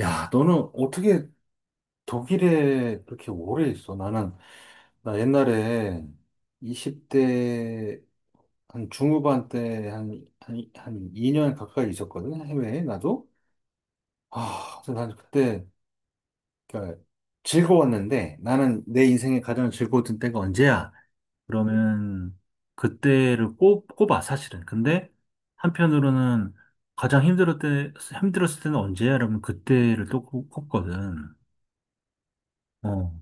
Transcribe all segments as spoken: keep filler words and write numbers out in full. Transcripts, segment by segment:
야, 너는 어떻게 독일에 그렇게 오래 있어? 나는, 나 옛날에 이십 대 한 중후반 때 한, 한, 한 이 년 가까이 있었거든, 해외에, 나도. 아, 그래서 난 그때, 그러니까 즐거웠는데, 나는 내 인생에 가장 즐거웠던 때가 언제야? 그러면 그때를 꼽, 꼽아, 사실은. 근데 한편으로는 가장 힘들었을 때, 힘들었을 때는 언제야? 그러면 그때를 또 꼽- 꼽거든. 어,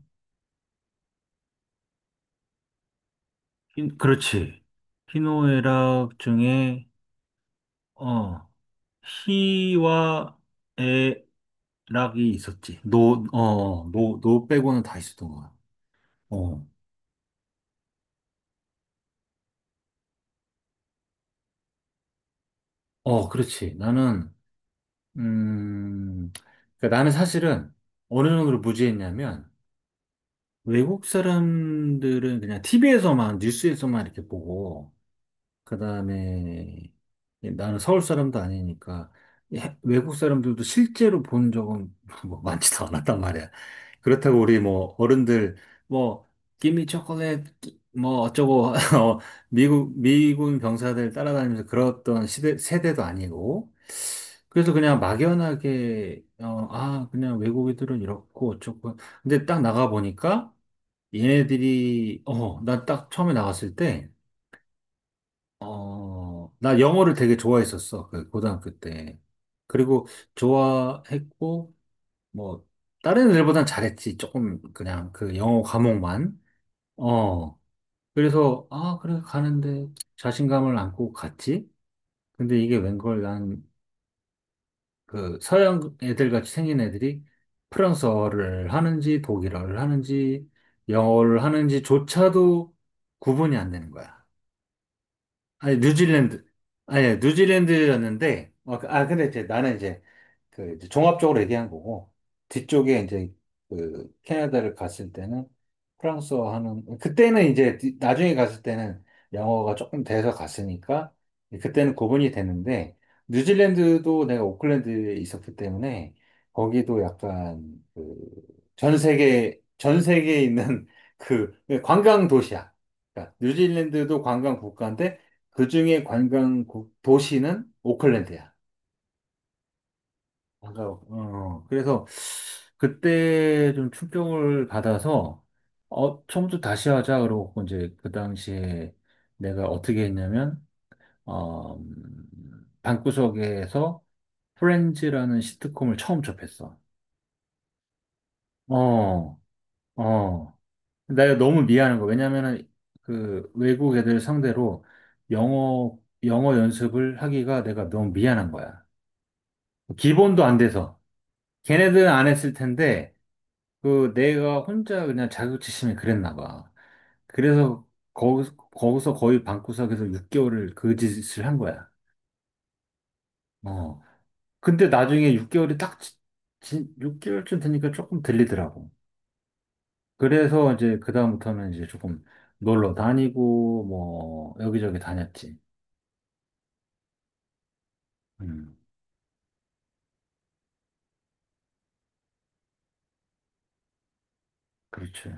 흰- 그렇지. 희노애락 중에, 어, 희와 애락이 있었지. 노, 어, 어. 노, 노 빼고는 다 있었던 거야. 어, 어, 그렇지. 나는, 음, 그러니까 나는 사실은 어느 정도로 무지했냐면, 외국 사람들은 그냥 티비에서만, 뉴스에서만 이렇게 보고, 그다음에 나는 서울 사람도 아니니까 해- 외국 사람들도 실제로 본 적은 뭐 많지도 않았단 말이야. 그렇다고 우리 뭐 어른들 뭐 기미 초콜릿 뭐 어쩌고 어, 미국 미군 병사들 따라다니면서 그랬던 시대 세대도 아니고 그래서 그냥 막연하게 어, 아 그냥 외국인들은 이렇고 어쩌고 근데 딱 나가 보니까 얘네들이 어 나 딱 처음에 나갔을 때 어, 나 영어를 되게 좋아했었어. 그 고등학교 때. 그리고 좋아했고, 뭐, 다른 애들보단 잘했지. 조금 그냥 그 영어 과목만. 어. 그래서, 아, 그래, 가는데 자신감을 안고 갔지. 근데 이게 웬걸 난 그 서양 애들 같이 생긴 애들이 프랑스어를 하는지 독일어를 하는지 영어를 하는지조차도 구분이 안 되는 거야. 아니 뉴질랜드 아니 뉴질랜드였는데 어, 그, 아 근데 이제 나는 이제 그 이제 종합적으로 얘기한 거고 뒤쪽에 이제 그 캐나다를 갔을 때는 프랑스어 하는 그때는 이제 뒤- 나중에 갔을 때는 영어가 조금 돼서 갔으니까 그때는 구분이 되는데 뉴질랜드도 내가 오클랜드에 있었기 때문에 거기도 약간 그 전 세계 전 세계에 있는 그 관광 도시야. 그러니까 뉴질랜드도 관광 국가인데 그중에 관광 국- 도시는 오클랜드야. 맞아요. 어, 그래서 그때 좀 충격을 받아서 어, 처음부터 다시 하자 그러고 이제 그 당시에 내가 어떻게 했냐면 어, 음, 방구석에서 프렌즈라는 시트콤을 처음 접했어. 어, 어. 내가 너무 미안한 거. 왜냐면은 그 외국 애들 상대로 영어, 영어 연습을 하기가 내가 너무 미안한 거야. 기본도 안 돼서. 걔네들은 안 했을 텐데 그 내가 혼자 그냥 자격지심이 그랬나 봐. 그래서 거기서, 거기서 거의 방구석에서 육 개월을 그 짓을 한 거야. 어. 근데 나중에 육 개월이 딱 지, 지, 육 개월쯤 되니까 조금 들리더라고. 그래서 이제 그다음부터는 이제 조금 놀러 다니고 뭐 여기저기 다녔지. 음. 그렇지.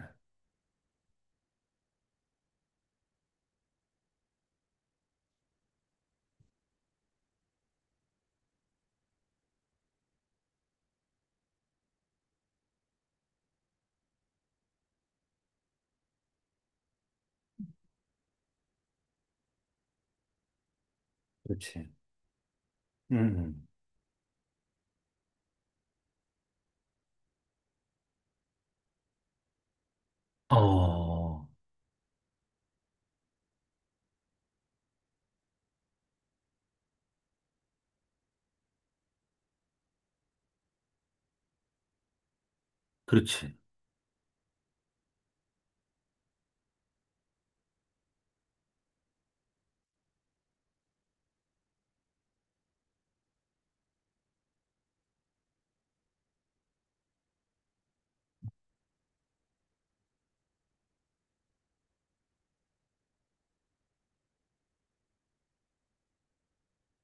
그렇지. 음. 어. 그렇지.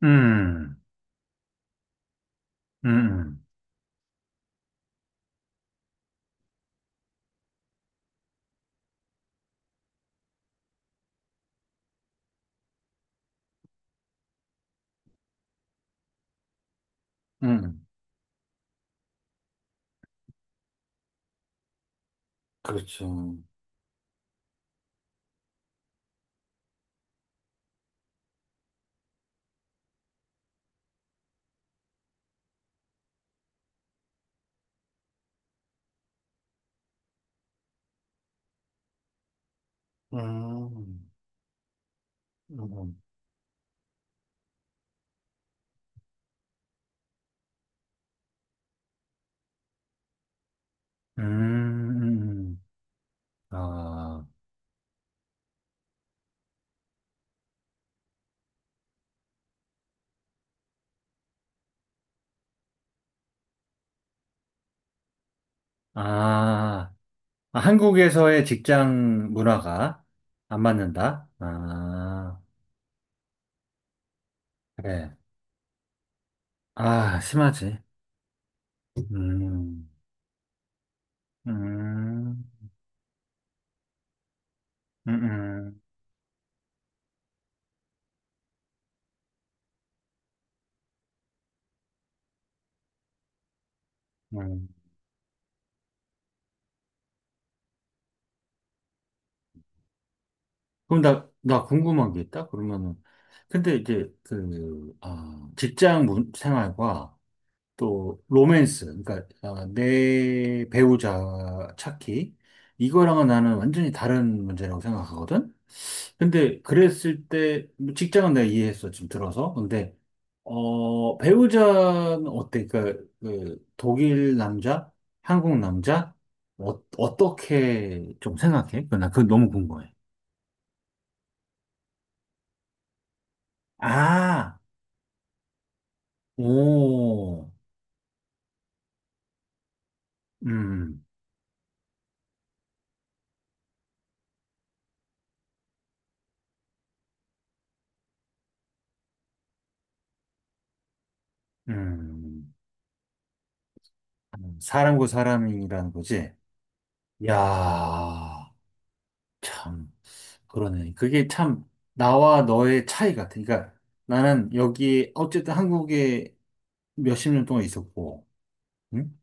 음. 음. 음. 그렇죠. 음. 음. 음. 음, 음, 음. 아, 아, 아, 한국에서의 직장 문화가 안 맞는다? 아, 그래. 아, 심하지. 음, 음, 음, 음. 음. 그럼 나, 나 궁금한 게 있다? 그러면은, 근데 이제 그, 아, 직장 문, 생활과 또 로맨스, 그러니까 아, 내 배우자 찾기, 이거랑은 나는 완전히 다른 문제라고 생각하거든? 근데 그랬을 때, 뭐 직장은 내가 이해했어, 지금 들어서. 근데, 어, 배우자는 어때? 그러니까, 그, 독일 남자? 한국 남자? 어, 어떻게 좀 생각해? 그, 나 그거 너무 궁금해. 아, 오, 음, 음. 사람과 사람이라는 거지? 야, 참, 그러네. 그게 참, 나와 너의 차이 같아. 그러니까 나는 여기, 어쨌든 한국에 몇 십 년 동안 있었고, 응?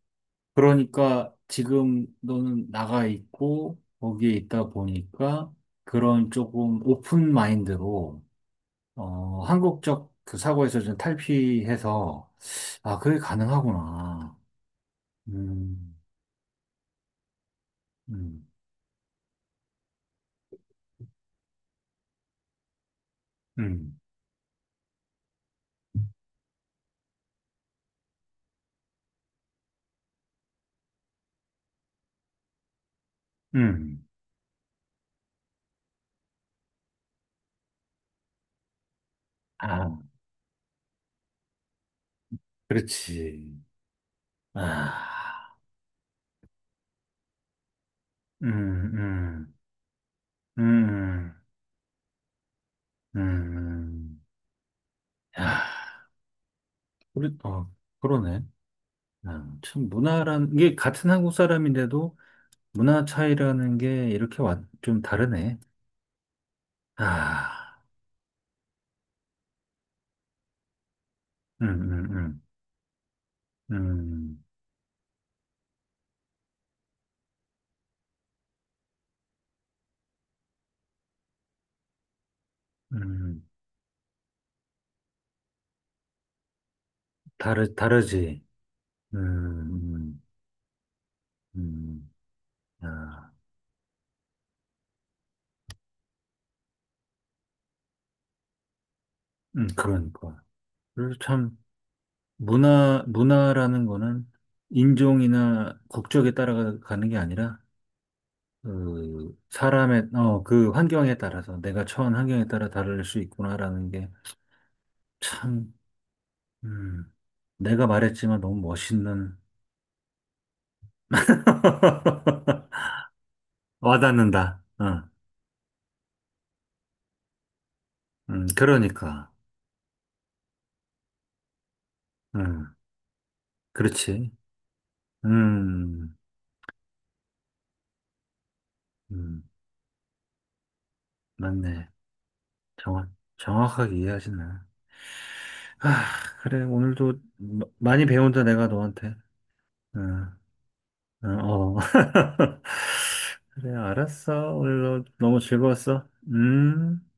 그러니까 지금 너는 나가 있고, 거기에 있다 보니까 그런 조금 오픈 마인드로, 어, 한국적 그 사고에서 좀 탈피해서, 아, 그게 가능하구나. 음, 음, 음, 음. 아, 그렇지. 아, 음, 음, 음, 음. 야, 그래, 어, 그러네. 아, 참 문화라는 게 같은 한국 사람인데도 문화 차이라는 게 이렇게 완, 좀 다르네. 아, 음, 음, 음, 음, 음, 다르, 다르지. 음, 음, 음, 아, 음, 그러니까. 그래서 참 문화, 문화라는 거는 인종이나 국적에 따라가는 게 아니라 그 사람의 어, 그 환경에 따라서 내가 처한 환경에 따라 다를 수 있구나라는 게 참. 음, 내가 말했지만 너무 멋있는 와닿는다. 응, 음, 그러니까. 응, 그렇지. 음, 음, 맞네. 정확, 정확하게 이해하시네. 아, 그래. 오늘도 마- 많이 배운다, 내가 너한테. 응, 응, 어. 그래, 알았어. 오늘도 너무 즐거웠어. 음.